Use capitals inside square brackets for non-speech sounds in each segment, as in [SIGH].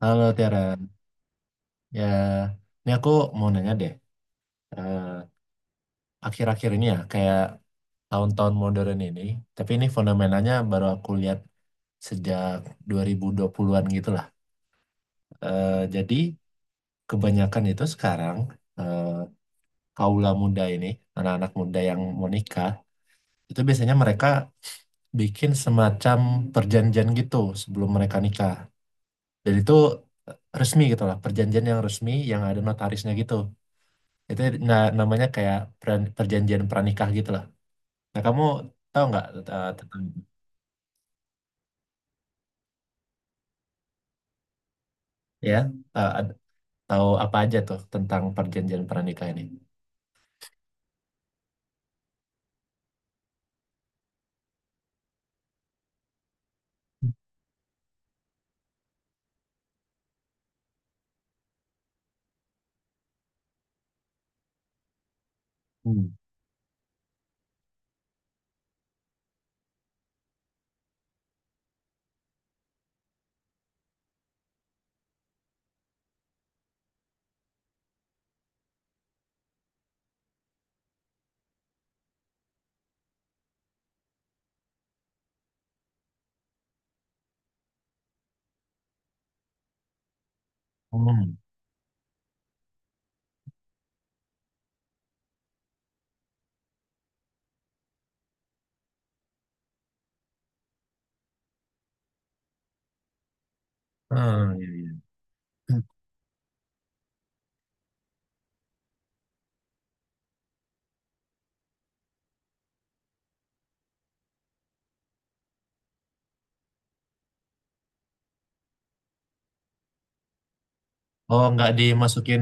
Halo Tiara, ya ini aku mau nanya deh, eh, akhir-akhir ini ya kayak tahun-tahun modern ini, tapi ini fenomenanya baru aku lihat sejak 2020-an gitu lah. Jadi kebanyakan itu sekarang eh, kaula muda ini, anak-anak muda yang mau nikah, itu biasanya mereka bikin semacam perjanjian gitu sebelum mereka nikah. Dan itu resmi gitu lah, perjanjian yang resmi yang ada notarisnya gitu. Itu nah, namanya kayak perjanjian pranikah gitu lah. Nah, kamu tahu nggak tentang ya eh, ad- tahu apa aja tuh tentang perjanjian pranikah ini? Hmm. Hmm. Hmm, iya, iya. Hmm. Oh, nggak dimasukin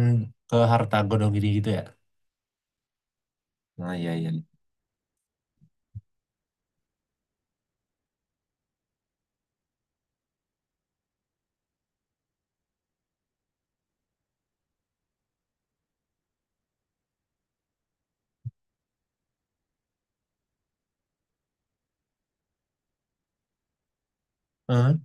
ke harta gondong gini gitu ya? Nah, iya, iya. Heeh.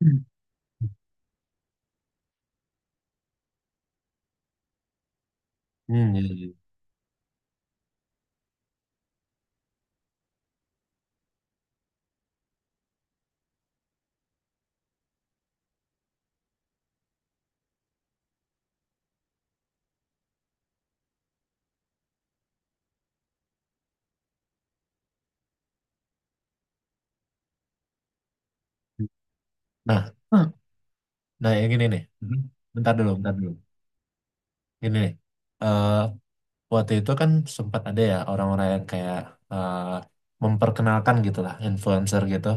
Hmm. Hmm, iya, iya. Nah. Hmm. Nah, yang gini nih. Hmm. Bentar dulu, bentar dulu. Gini nih. Eh, Waktu itu kan sempat ada ya orang-orang yang kayak eh, memperkenalkan gitu lah, influencer gitu,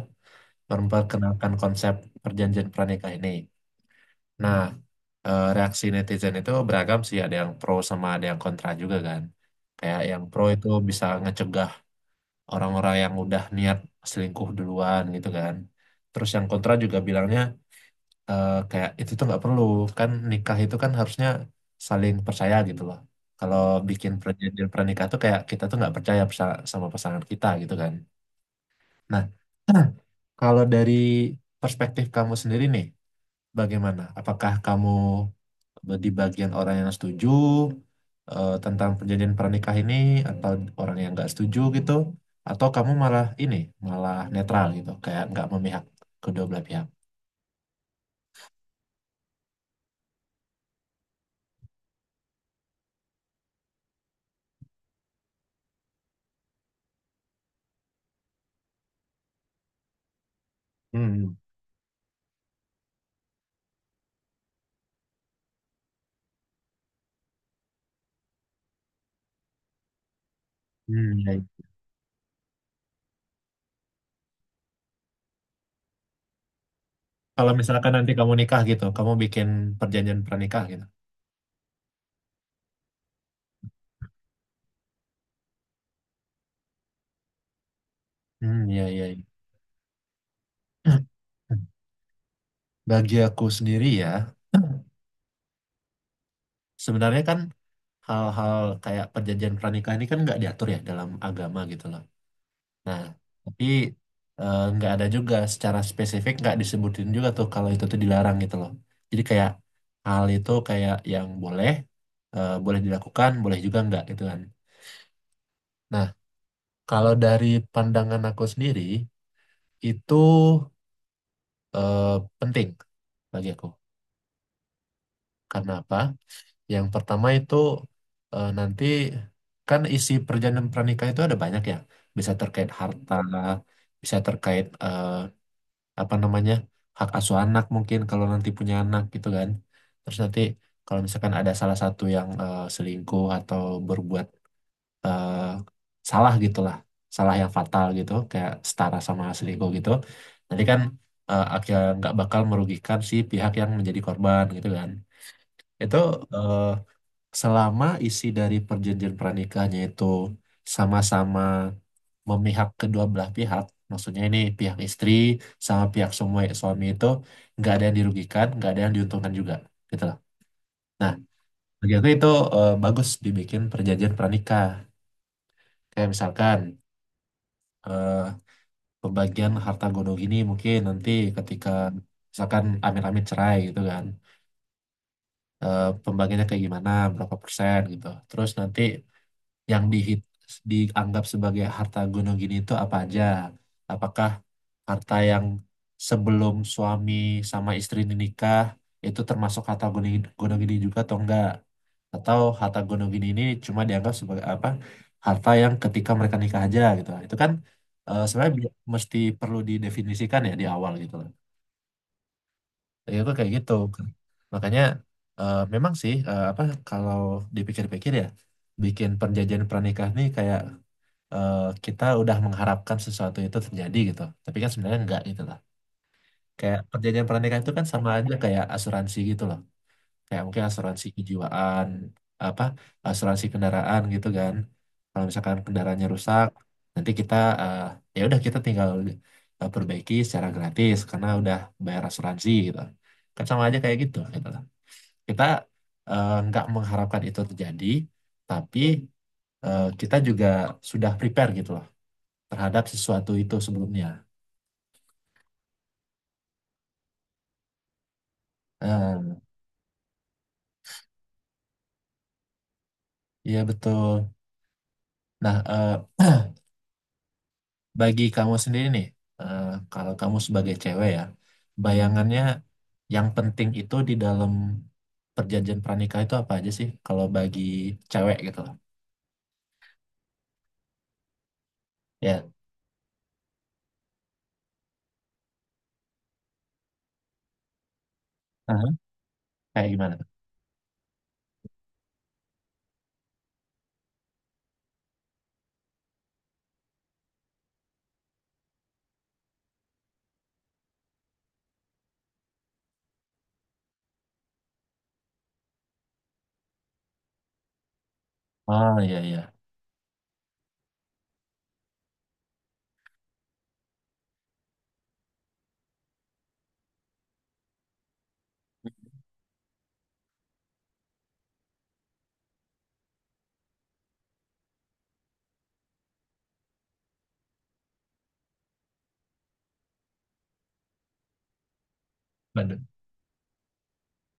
memperkenalkan konsep perjanjian pranikah ini. Nah, reaksi netizen itu beragam sih, ada yang pro sama ada yang kontra juga kan. Kayak yang pro itu bisa ngecegah orang-orang yang udah niat selingkuh duluan gitu kan. Terus yang kontra juga bilangnya kayak itu tuh nggak perlu, kan nikah itu kan harusnya saling percaya gitu loh. Kalau bikin perjanjian pranikah tuh kayak kita tuh nggak percaya sama pasangan kita gitu kan. Nah, [CLEARS THROAT] kalau dari perspektif kamu sendiri nih, bagaimana? Apakah kamu di bagian orang yang setuju tentang perjanjian pernikah ini atau orang yang nggak setuju gitu? Atau kamu malah ini, malah netral gitu, kayak nggak memihak kedua belah pihak? Hmm. Hmm, iya, iya. Kalau misalkan nanti kamu nikah gitu, kamu bikin perjanjian pernikah gitu. Hmm, iya, iya. Iya. [CLEARS THROAT] Bagi aku sendiri ya, sebenarnya kan hal-hal kayak perjanjian pernikah ini kan nggak diatur ya dalam agama gitu loh. Nah, tapi nggak ada juga secara spesifik nggak disebutin juga tuh kalau itu tuh dilarang gitu loh. Jadi kayak hal itu kayak yang boleh dilakukan, boleh juga nggak gitu kan. Nah, kalau dari pandangan aku sendiri itu eh, penting bagi aku. Karena apa? Yang pertama itu nanti kan isi perjanjian pernikah itu ada banyak ya. Bisa terkait harta, bisa terkait apa namanya hak asuh anak mungkin kalau nanti punya anak gitu kan, terus nanti kalau misalkan ada salah satu yang selingkuh atau berbuat eh, salah gitulah, salah yang fatal gitu kayak setara sama selingkuh gitu, nanti kan akhirnya nggak bakal merugikan si pihak yang menjadi korban gitu kan, itu eh, selama isi dari perjanjian pranikahnya itu sama-sama memihak kedua belah pihak, maksudnya ini pihak istri sama pihak semua ya, suami itu nggak ada yang dirugikan, nggak ada yang diuntungkan juga, gitu lah. Nah, bagi aku itu bagus dibikin perjanjian pranikah. Kayak misalkan eh, pembagian harta gono gini mungkin nanti ketika misalkan amit-amit cerai gitu kan, pembagiannya kayak gimana, berapa persen gitu. Terus nanti yang dianggap sebagai harta gonogini itu apa aja? Apakah harta yang sebelum suami sama istri ini nikah itu termasuk harta gonogini juga atau enggak? Atau harta gonogini ini cuma dianggap sebagai apa? Harta yang ketika mereka nikah aja gitu. Itu kan sebenarnya mesti perlu didefinisikan ya di awal gitu loh. Jadi aku kayak gitu. Makanya memang sih apa kalau dipikir-pikir ya bikin perjanjian pernikah nih kayak eh, kita udah mengharapkan sesuatu itu terjadi gitu. Tapi kan sebenarnya enggak gitu lah. Kayak perjanjian pernikahan itu kan sama aja kayak asuransi gitu loh. Kayak mungkin asuransi kejiwaan, apa asuransi kendaraan gitu kan. Kalau misalkan kendaraannya rusak, nanti kita eh, ya udah kita tinggal perbaiki secara gratis karena udah bayar asuransi gitu. Kan sama aja kayak gitu gitu lah. Kita nggak mengharapkan itu terjadi, tapi kita juga sudah prepare gitu loh terhadap sesuatu itu sebelumnya. Eh, Iya betul. Nah, [CLEARS THROAT] bagi kamu sendiri nih, eh, kalau kamu sebagai cewek ya, bayangannya yang penting itu di dalam perjanjian pranikah itu apa aja sih? Kalau bagi cewek gitu loh. Ya, aha, kayak gimana tuh? Oh iya iya. Waduh,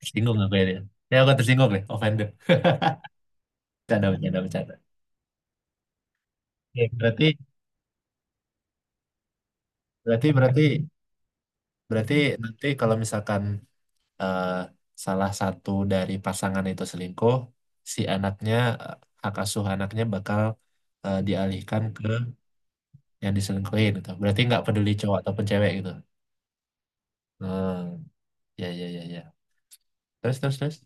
tersinggung aku ya, dia. Ya aku tersinggung deh, offended. [LAUGHS] Bercanda, bercanda, bercanda. Oke, berarti, berarti, berarti nanti kalau misalkan eh, salah satu dari pasangan itu selingkuh, si anaknya eh, hak asuh anaknya bakal dialihkan ke yang diselingkuhin gitu. Berarti nggak peduli cowok ataupun cewek gitu. Hmm, ya ya ya ya. Terus terus terus.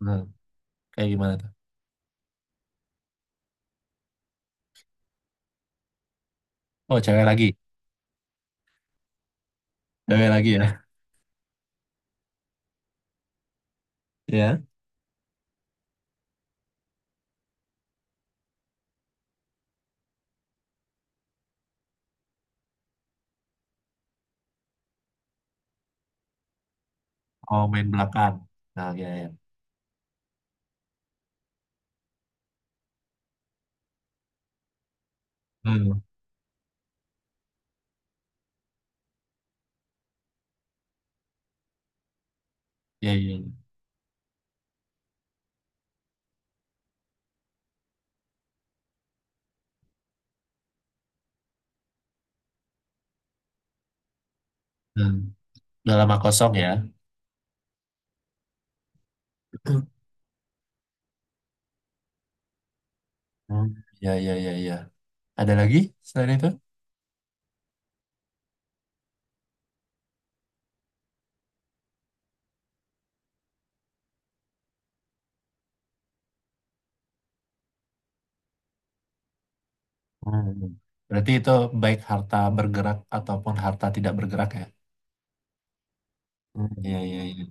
Hmm, kayak gimana tuh? Oh, cewek lagi. Cewek lagi ya. Ya. Oh, main belakang. Nah, ya ya. Hmm, ya ya, ya. Hmm. Udah lama kosong ya. [CLEARS THROAT] Hmm. Ya ya ya ya. Ada lagi selain itu? Hmm. Berarti itu baik harta bergerak ataupun harta tidak bergerak ya? Hmm, iya, iya, iya.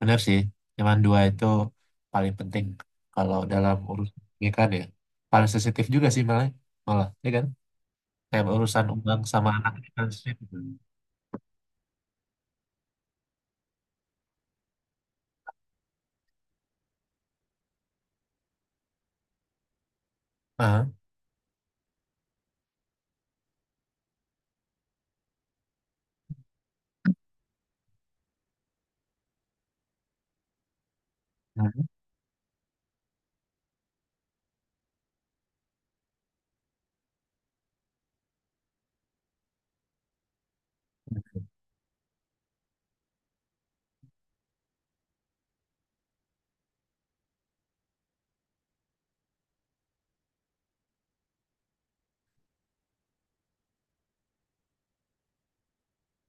Benar sih. Cuman dua itu paling penting kalau dalam urusan pernikahan ya. Paling sensitif juga sih malah. Malah, ya kan? Kayak urusan uang sama anak itu kan sensitif. Ah, hmm.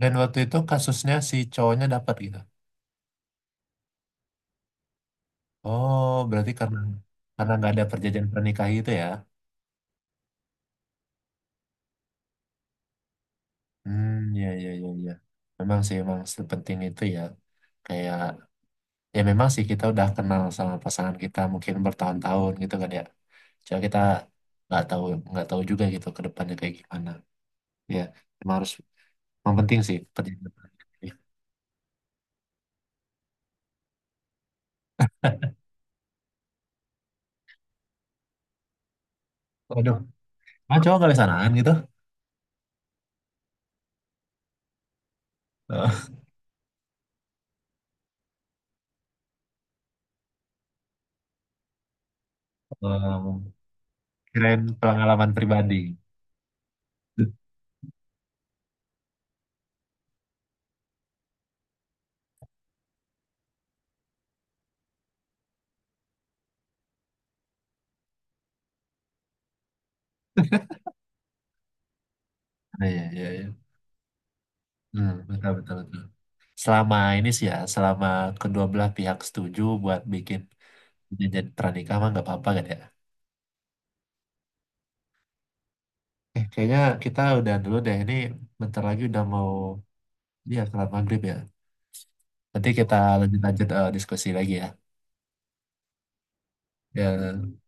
Dan waktu itu kasusnya si cowoknya dapat gitu. Oh, berarti karena nggak ada perjanjian pernikah itu ya? Hmm, iya, iya, iya, iya. Memang sih, memang sepenting itu ya. Kayak ya memang sih kita udah kenal sama pasangan kita mungkin bertahun-tahun gitu kan ya, cuma kita nggak tahu nggak tahu juga gitu ke depannya kayak gimana, ya emang harus yang penting sih perjalanan. Ya. Waduh, ah, cowok nggak sanaan gitu. [LAUGHS] Em, Kirain pengalaman pribadi. Nah, iya, iya, iya. Hmm, betul, betul, betul. Selama ini sih ya, selama kedua belah pihak setuju buat bikin perjanjian pernikah mah nggak apa-apa kan ya. Kayaknya kita udah dulu deh. Ini bentar lagi udah mau Iya, sholat maghrib ya. Nanti kita lanjut-lanjut diskusi lagi ya. Ya,